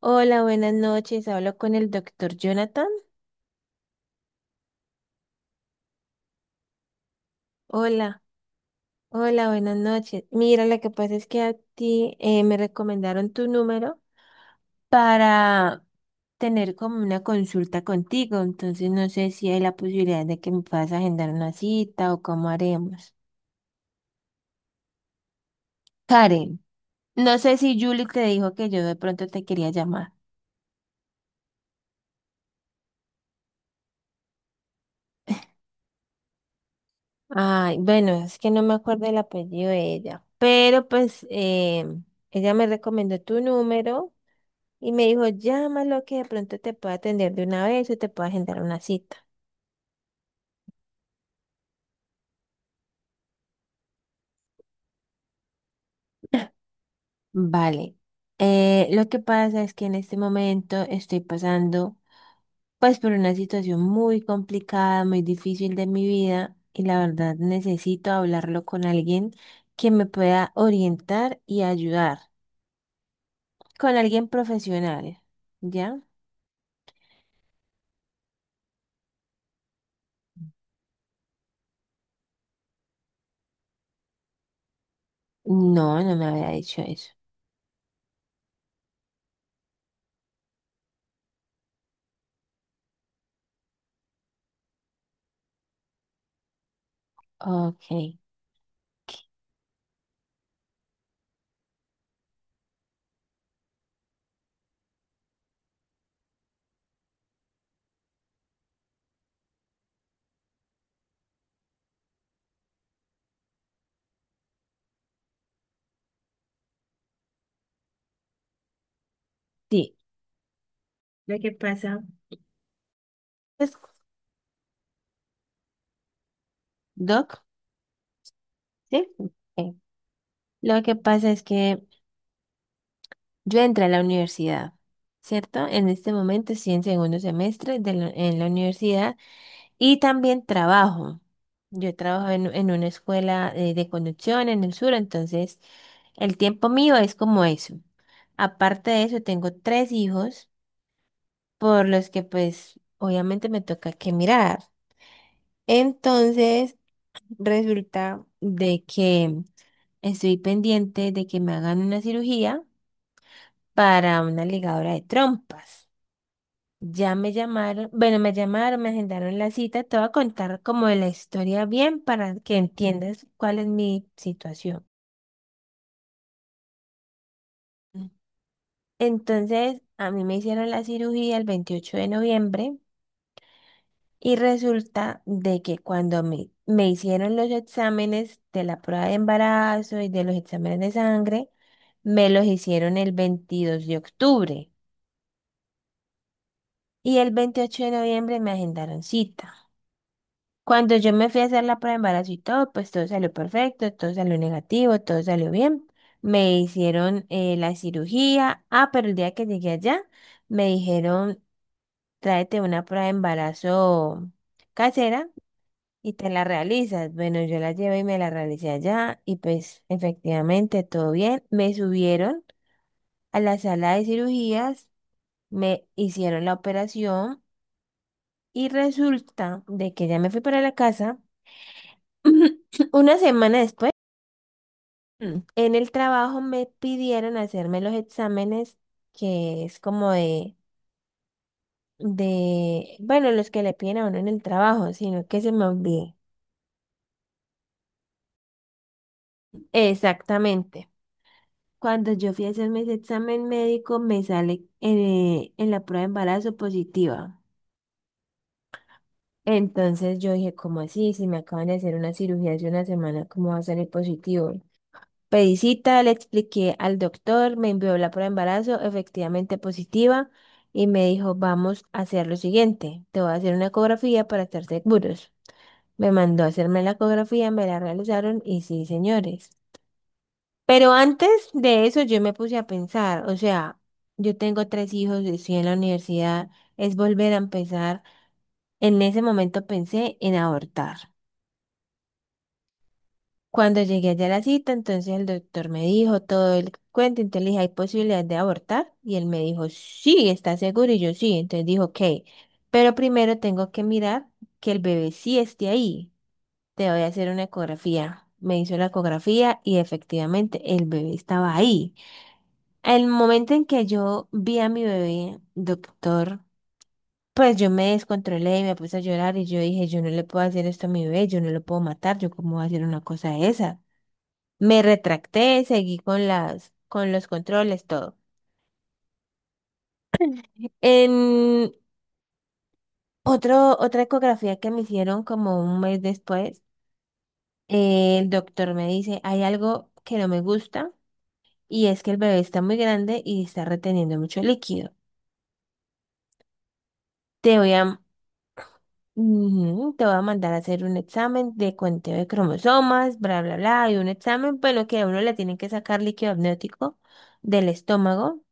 Hola, buenas noches. Hablo con el doctor Jonathan. Hola, hola, buenas noches. Mira, lo que pasa es que a ti me recomendaron tu número para tener como una consulta contigo. Entonces no sé si hay la posibilidad de que me puedas agendar una cita o cómo haremos. Karen, no sé si Julie te dijo que yo de pronto te quería llamar. Ay, bueno, es que no me acuerdo el apellido de ella, pero pues ella me recomendó tu número. Y me dijo, llámalo que de pronto te pueda atender de una vez o te pueda agendar una cita. Vale. Lo que pasa es que en este momento estoy pasando pues por una situación muy complicada, muy difícil de mi vida y la verdad necesito hablarlo con alguien que me pueda orientar y ayudar, con alguien profesional, ¿ya? No, no me había dicho eso. Ok. Sí. Lo que pasa es, Doc, ¿sí? Ok. Lo que pasa es que yo entré a la universidad, ¿cierto? En este momento estoy en segundo semestre de en la universidad y también trabajo. Yo trabajo en una escuela de conducción en el sur, entonces el tiempo mío es como eso. Aparte de eso, tengo tres hijos por los que pues obviamente me toca que mirar. Entonces, resulta de que estoy pendiente de que me hagan una cirugía para una ligadora de trompas. Ya me llamaron, bueno, me llamaron, me agendaron la cita, te voy a contar como la historia bien para que entiendas cuál es mi situación. Entonces, a mí me hicieron la cirugía el 28 de noviembre y resulta de que cuando me hicieron los exámenes de la prueba de embarazo y de los exámenes de sangre, me los hicieron el 22 de octubre y el 28 de noviembre me agendaron cita. Cuando yo me fui a hacer la prueba de embarazo y todo, pues todo salió perfecto, todo salió negativo, todo salió bien. Me hicieron la cirugía. Ah, pero el día que llegué allá, me dijeron, tráete una prueba de embarazo casera y te la realizas. Bueno, yo la llevé y me la realicé allá y pues efectivamente todo bien. Me subieron a la sala de cirugías, me hicieron la operación y resulta de que ya me fui para la casa. Una semana después, en el trabajo me pidieron hacerme los exámenes, que es como de, bueno, los que le piden a uno en el trabajo, sino que se me olvidó. Exactamente. Cuando yo fui a hacerme ese examen médico, me sale en la prueba de embarazo positiva. Entonces yo dije, ¿cómo así? Si me acaban de hacer una cirugía hace una semana, ¿cómo va a salir positivo? Pedí cita, le expliqué al doctor, me envió la prueba de embarazo, efectivamente positiva, y me dijo, vamos a hacer lo siguiente, te voy a hacer una ecografía para estar seguros. Me mandó a hacerme la ecografía, me la realizaron y sí, señores. Pero antes de eso yo me puse a pensar, o sea, yo tengo tres hijos, estoy en la universidad, es volver a empezar. En ese momento pensé en abortar. Cuando llegué allá a la cita, entonces el doctor me dijo todo el cuento, entonces le dije, ¿hay posibilidad de abortar? Y él me dijo, sí, ¿está seguro? Y yo sí, entonces dijo, ok, pero primero tengo que mirar que el bebé sí esté ahí. Te voy a hacer una ecografía. Me hizo la ecografía y efectivamente el bebé estaba ahí. El momento en que yo vi a mi bebé, doctor, pues yo me descontrolé y me puse a llorar y yo dije, yo no le puedo hacer esto a mi bebé, yo no lo puedo matar, yo cómo voy a hacer una cosa de esa. Me retracté, seguí con con los controles, todo. En otra ecografía que me hicieron como un mes después, el doctor me dice, hay algo que no me gusta y es que el bebé está muy grande y está reteniendo mucho líquido. Te voy a, Te voy a mandar a hacer un examen de conteo de cromosomas, bla, bla, bla, y un examen, pero que a uno le tienen que sacar líquido amniótico del estómago.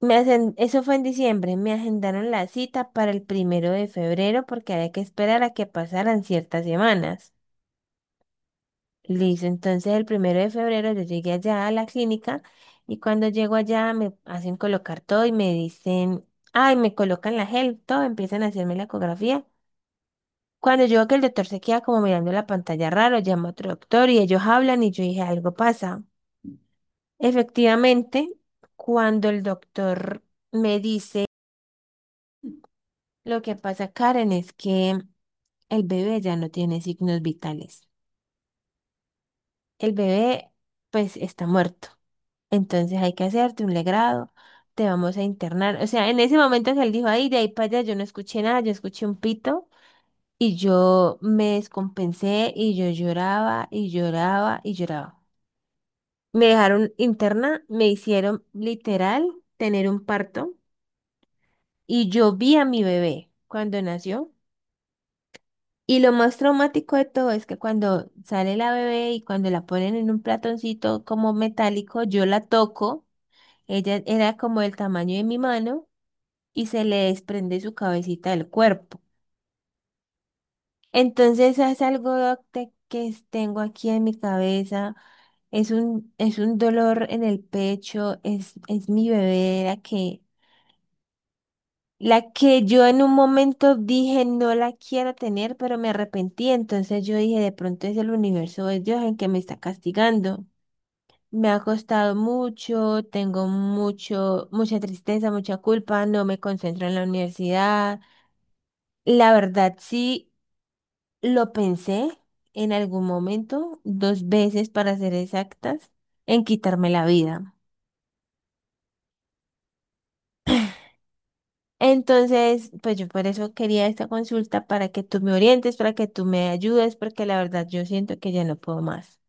Eso fue en diciembre. Me agendaron la cita para el 1 de febrero porque había que esperar a que pasaran ciertas semanas. Listo, entonces el 1 de febrero yo llegué allá a la clínica y cuando llego allá me hacen colocar todo y me dicen, ay, me colocan la gel, todo, empiezan a hacerme la ecografía. Cuando yo veo que el doctor se queda como mirando la pantalla raro, llama a otro doctor y ellos hablan y yo dije, algo pasa. Efectivamente, cuando el doctor me dice, lo que pasa, Karen, es que el bebé ya no tiene signos vitales. El bebé, pues, está muerto. Entonces hay que hacerte un legrado, te vamos a internar. O sea, en ese momento que él dijo, ay, de ahí para allá, yo no escuché nada, yo escuché un pito y yo me descompensé y yo lloraba y lloraba y lloraba. Me dejaron interna, me hicieron literal tener un parto y yo vi a mi bebé cuando nació. Y lo más traumático de todo es que cuando sale la bebé y cuando la ponen en un platoncito como metálico, yo la toco, ella era como el tamaño de mi mano y se le desprende su cabecita del cuerpo. Entonces es algo doctor, que tengo aquí en mi cabeza, es un dolor en el pecho, es mi bebé, era que la que yo en un momento dije no la quiero tener, pero me arrepentí. Entonces yo dije, de pronto es el universo, es Dios en que me está castigando. Me ha costado mucho, tengo mucha tristeza, mucha culpa, no me concentro en la universidad. La verdad sí lo pensé en algún momento, dos veces para ser exactas, en quitarme la vida. Entonces, pues yo por eso quería esta consulta para que tú me orientes, para que tú me ayudes, porque la verdad yo siento que ya no puedo más.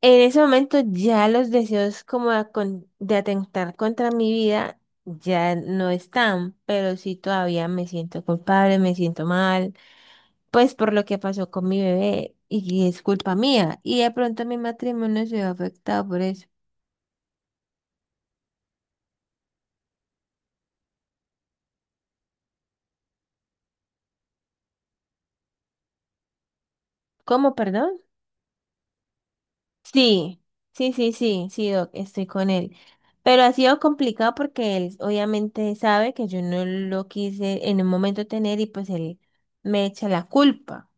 En ese momento ya los deseos como de atentar contra mi vida ya no están, pero sí todavía me siento culpable, me siento mal, pues por lo que pasó con mi bebé y es culpa mía. Y de pronto mi matrimonio se ve afectado por eso. ¿Cómo, perdón? Sí, sí, sí, sí, sí, Doc, estoy con él. Pero ha sido complicado porque él obviamente sabe que yo no lo quise en un momento tener y pues él me echa la culpa.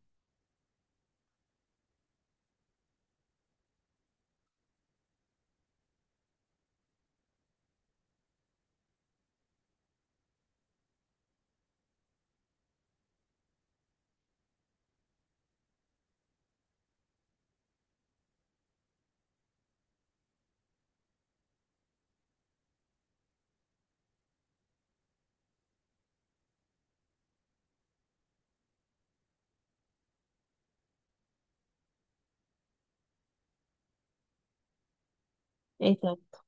Exacto.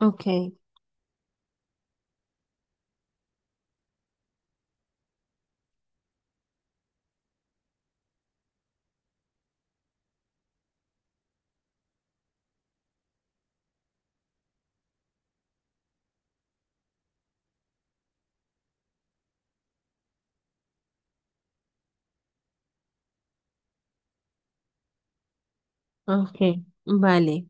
Okay, okay, vale.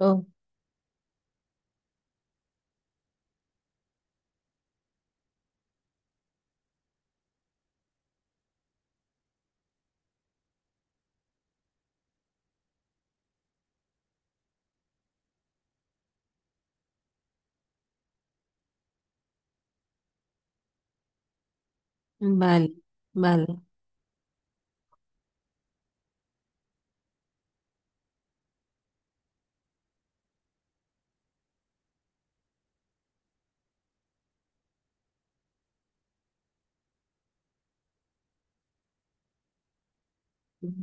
Oh, vale, vale,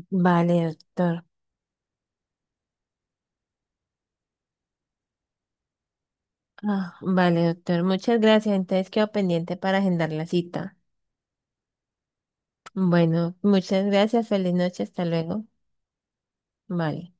vale, doctor. Ah, vale, doctor. Muchas gracias. Entonces quedo pendiente para agendar la cita. Bueno, muchas gracias. Feliz noche. Hasta luego. Vale.